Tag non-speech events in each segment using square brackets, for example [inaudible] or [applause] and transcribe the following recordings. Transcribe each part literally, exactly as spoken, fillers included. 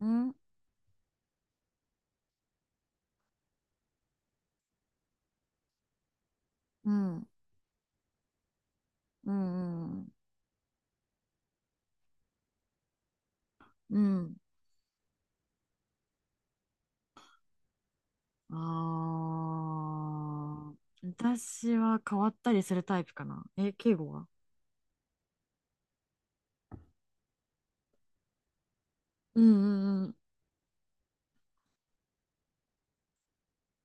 ね、うん、うん、うん、うん。ああー、私は変わったりするタイプかな。え、敬語は。うん、うん、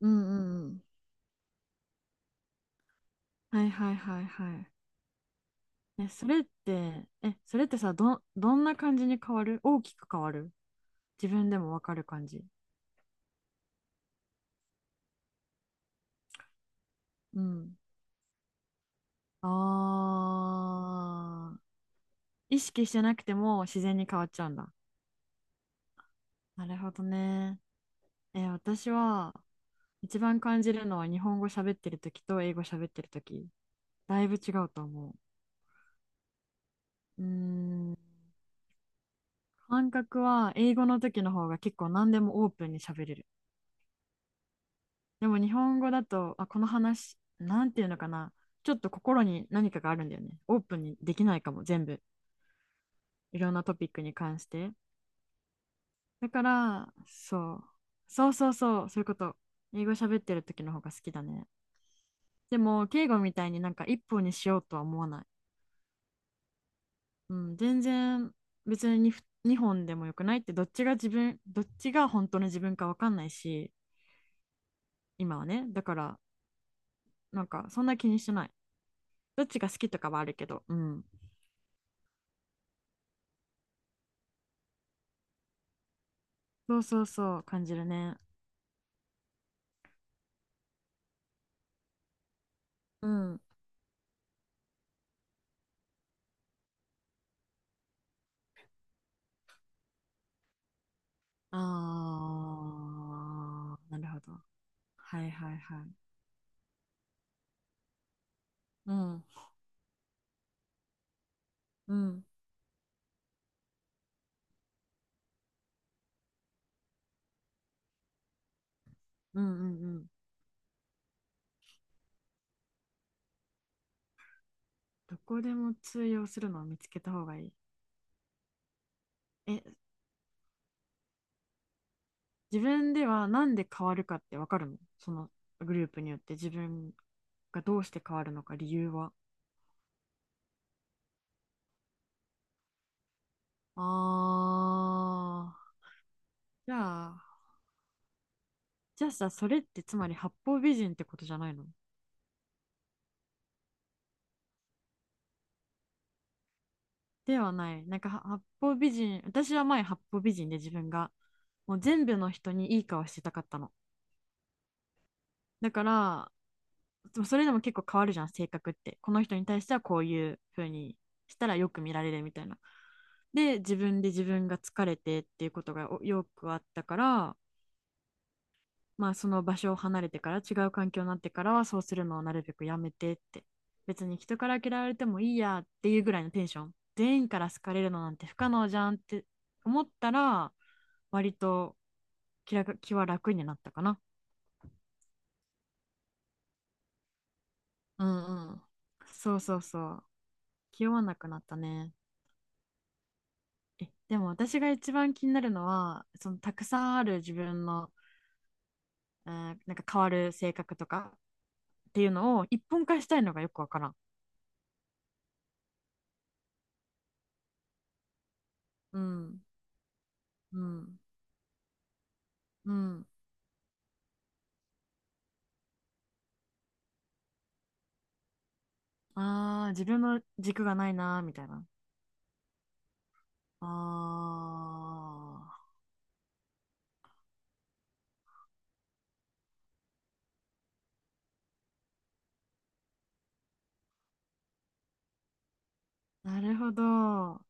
うん、うん、うん、うん。はいはいはいはい。え、それって、え、それってさ、ど、どんな感じに変わる？大きく変わる？自分でもわかる感じ？うん。ああ、意識してなくても自然に変わっちゃうんだ。なるほどね。え、私は、一番感じるのは日本語喋ってる時と英語喋ってる時だいぶ違うと思う。うーん。感覚は英語の時の方が結構何でもオープンに喋れる。でも日本語だと、あ、この話、なんていうのかな。ちょっと心に何かがあるんだよね。オープンにできないかも、全部。いろんなトピックに関して。だから、そう。そうそうそう、そういうこと。英語喋ってる時の方が好きだね。でも、敬語みたいになんか一本にしようとは思わない。うん、全然。別ににほんでもよくない？ってどっちが自分、どっちが本当の自分か分かんないし、今はね。だから、なんかそんな気にしてない。どっちが好きとかはあるけど。うん。そうそうそう、感じるね。うん。あー、なるほど。はいはいはい。うん、うん、うん、うん、うん。どこでも通用するのを見つけた方がいい。え、自分ではなんで変わるかってわかるの、そのグループによって自分がどうして変わるのか理由は。あー、じゃあ、じゃあさ、それってつまり八方美人ってことじゃないの？ではない。なんかは八方美人、私は前八方美人で自分がもう全部の人にいい顔してたかったの。だから、でもそれでも結構変わるじゃん、性格って。この人に対してはこういう風にしたらよく見られるみたいな。で、自分で自分が疲れてっていうことがおよくあったから、まあその場所を離れてから違う環境になってからはそうするのをなるべくやめてって。別に人から嫌われてもいいやっていうぐらいのテンション。全員から好かれるのなんて不可能じゃんって思ったら、割と気ら気は楽になったかな。うんうん。そうそうそう。気負わなくなったね。え、でも私が一番気になるのは、そのたくさんある自分の、えーなんか変わる性格とかっていうのを一本化したいのがよくわからん。うん、うん、うん。ああ、自分の軸がないなーみたいな。ああ、なるほど。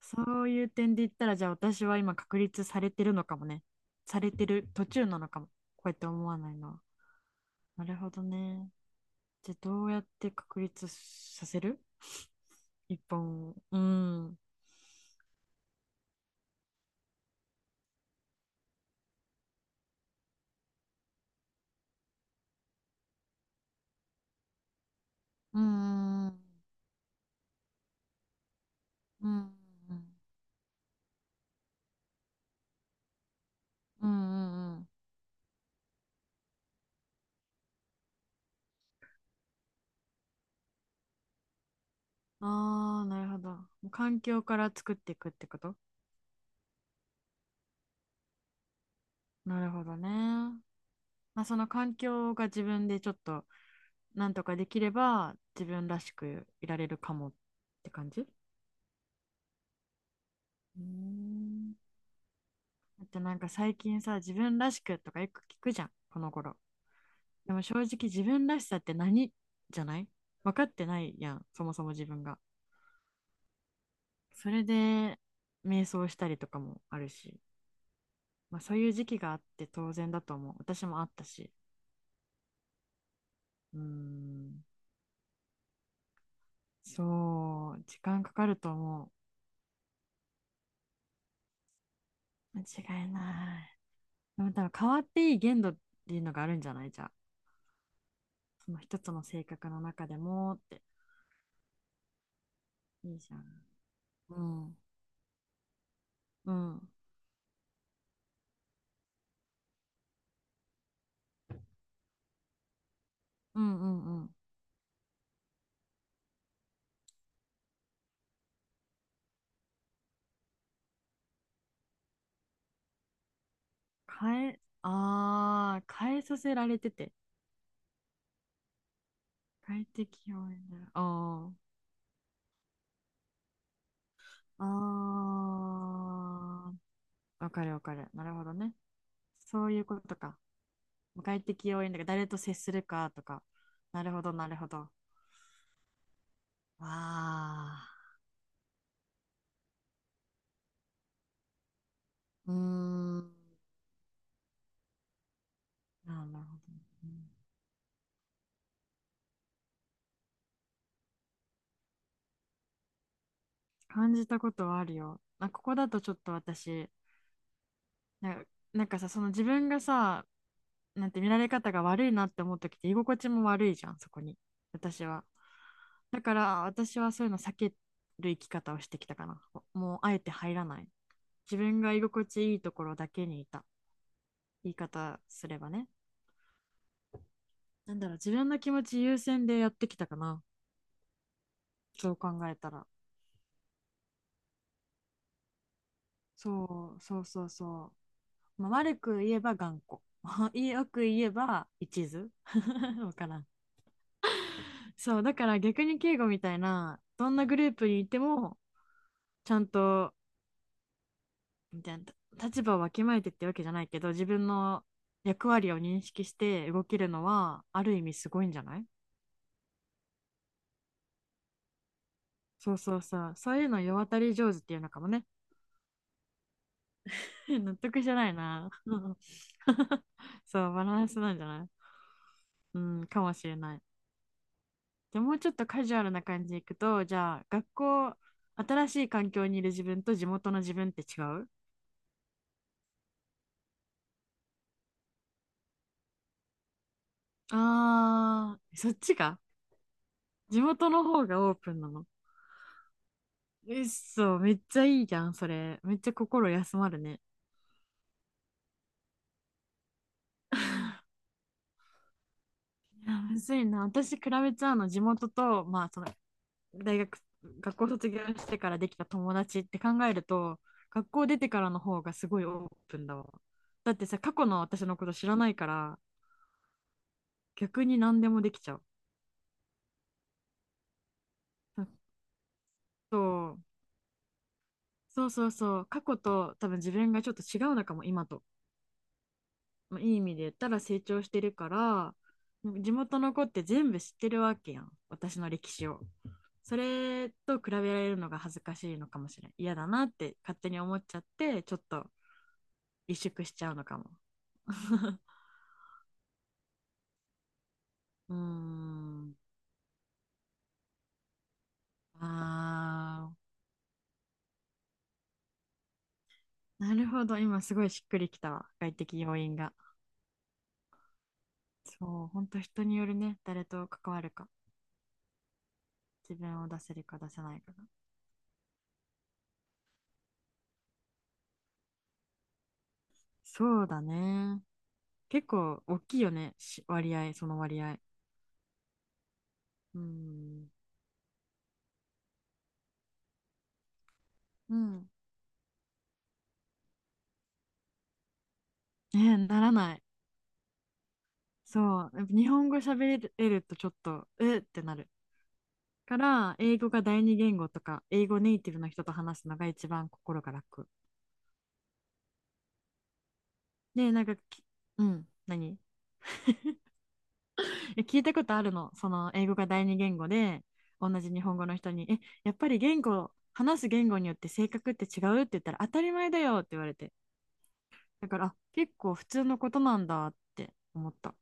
そういう点で言ったら、じゃあ私は今確立されてるのかもね。されてる途中なのかも。こうやって思わないのは。なるほどね。じゃあどうやって確立させる？ [laughs] 一本を。うん。うん、うん、うん、うん、うん。ああー、なるほど。もう環境から作っていくってこと？なるほどね。まあ、その環境が自分でちょっとなんとかできれば自分らしくいられるかもって感じ。うーん。だってなんか最近さ、自分らしくとかよく聞くじゃん、この頃。でも正直自分らしさって何？じゃない？分かってないやん、そもそも自分が。それで瞑想したりとかもあるし、まあ、そういう時期があって当然だと思う。私もあったし。うーん、そう、時間かかると思う。間違いない。でも多分変わっていい限度っていうのがあるんじゃない、じゃあ。その一つの性格の中でもって。いいじゃん。うん。うん。うん、うん、うん。変え、ああ、変えさせられてて。快適応援だ。あ、ああ、わかるわかる。なるほどね。そういうことか。快適応援だから誰と接するかとか。なるほど、なるほど。ああ、うーん。なるほどね、うん、感じたことはあるよ。あ、ここだとちょっと私、な、なんかさ、その自分がさ、なんて見られ方が悪いなって思う時って居心地も悪いじゃん、そこに。私は、だから私はそういうの避ける生き方をしてきたかな。もうあえて入らない。自分が居心地いいところだけにいた、言い方すればね。なんだろう、自分の気持ち優先でやってきたかな、そう考えたら。そうそうそうそう、まあ、悪く言えば頑固、 [laughs] よく言えば一途。 [laughs] わからん。そう、だから逆に敬語みたいなどんなグループにいてもちゃんとみたいな、立場をわきまえてってわけじゃないけど、自分の役割を認識して動けるのはある意味すごいんじゃない。そうそうそう、そういうの世渡り上手っていうのかもね。 [laughs] 納得じゃないな。 [laughs] そう、バランスなんじゃない。うん、かもしれない。でもうちょっとカジュアルな感じでいくと、じゃあ学校、新しい環境にいる自分と地元の自分って違う？あー、そっちか。地元の方がオープンなの？うっそ、めっちゃいいじゃん、それ。めっちゃ心休まるね。いや、むずいな。私、比べちゃうの、地元と、まあ、その、大学、学校卒業してからできた友達って考えると、学校出てからの方がすごいオープンだわ。だってさ、過去の私のこと知らないから、逆に何でもできちゃう。あと、そうそうそう、過去と多分自分がちょっと違うのかも、今と。まあ、いい意味で言ったら成長してるから、地元の子って全部知ってるわけやん、私の歴史を。それと比べられるのが恥ずかしいのかもしれない、嫌だなって勝手に思っちゃってちょっと萎縮しちゃうのかも。 [laughs] うーん、あー、なるほど、今すごいしっくりきたわ、外的要因が。そう、本当人によるね、誰と関わるか、自分を出せるか出せないかが。そうだね、結構大きいよね、し割合その割合。うーん。うん。ね、ならない。そう、やっぱ日本語喋れるとちょっとえーってなるから、英語が第二言語とか英語ネイティブの人と話すのが一番心が楽で、なんか、きうん、何？え、聞いたことあるの、その英語が第二言語で同じ日本語の人に「え、やっぱり言語話す言語によって性格って違う？」って言ったら、「当たり前だよ」って言われて、だから、あ、結構普通のことなんだって思った。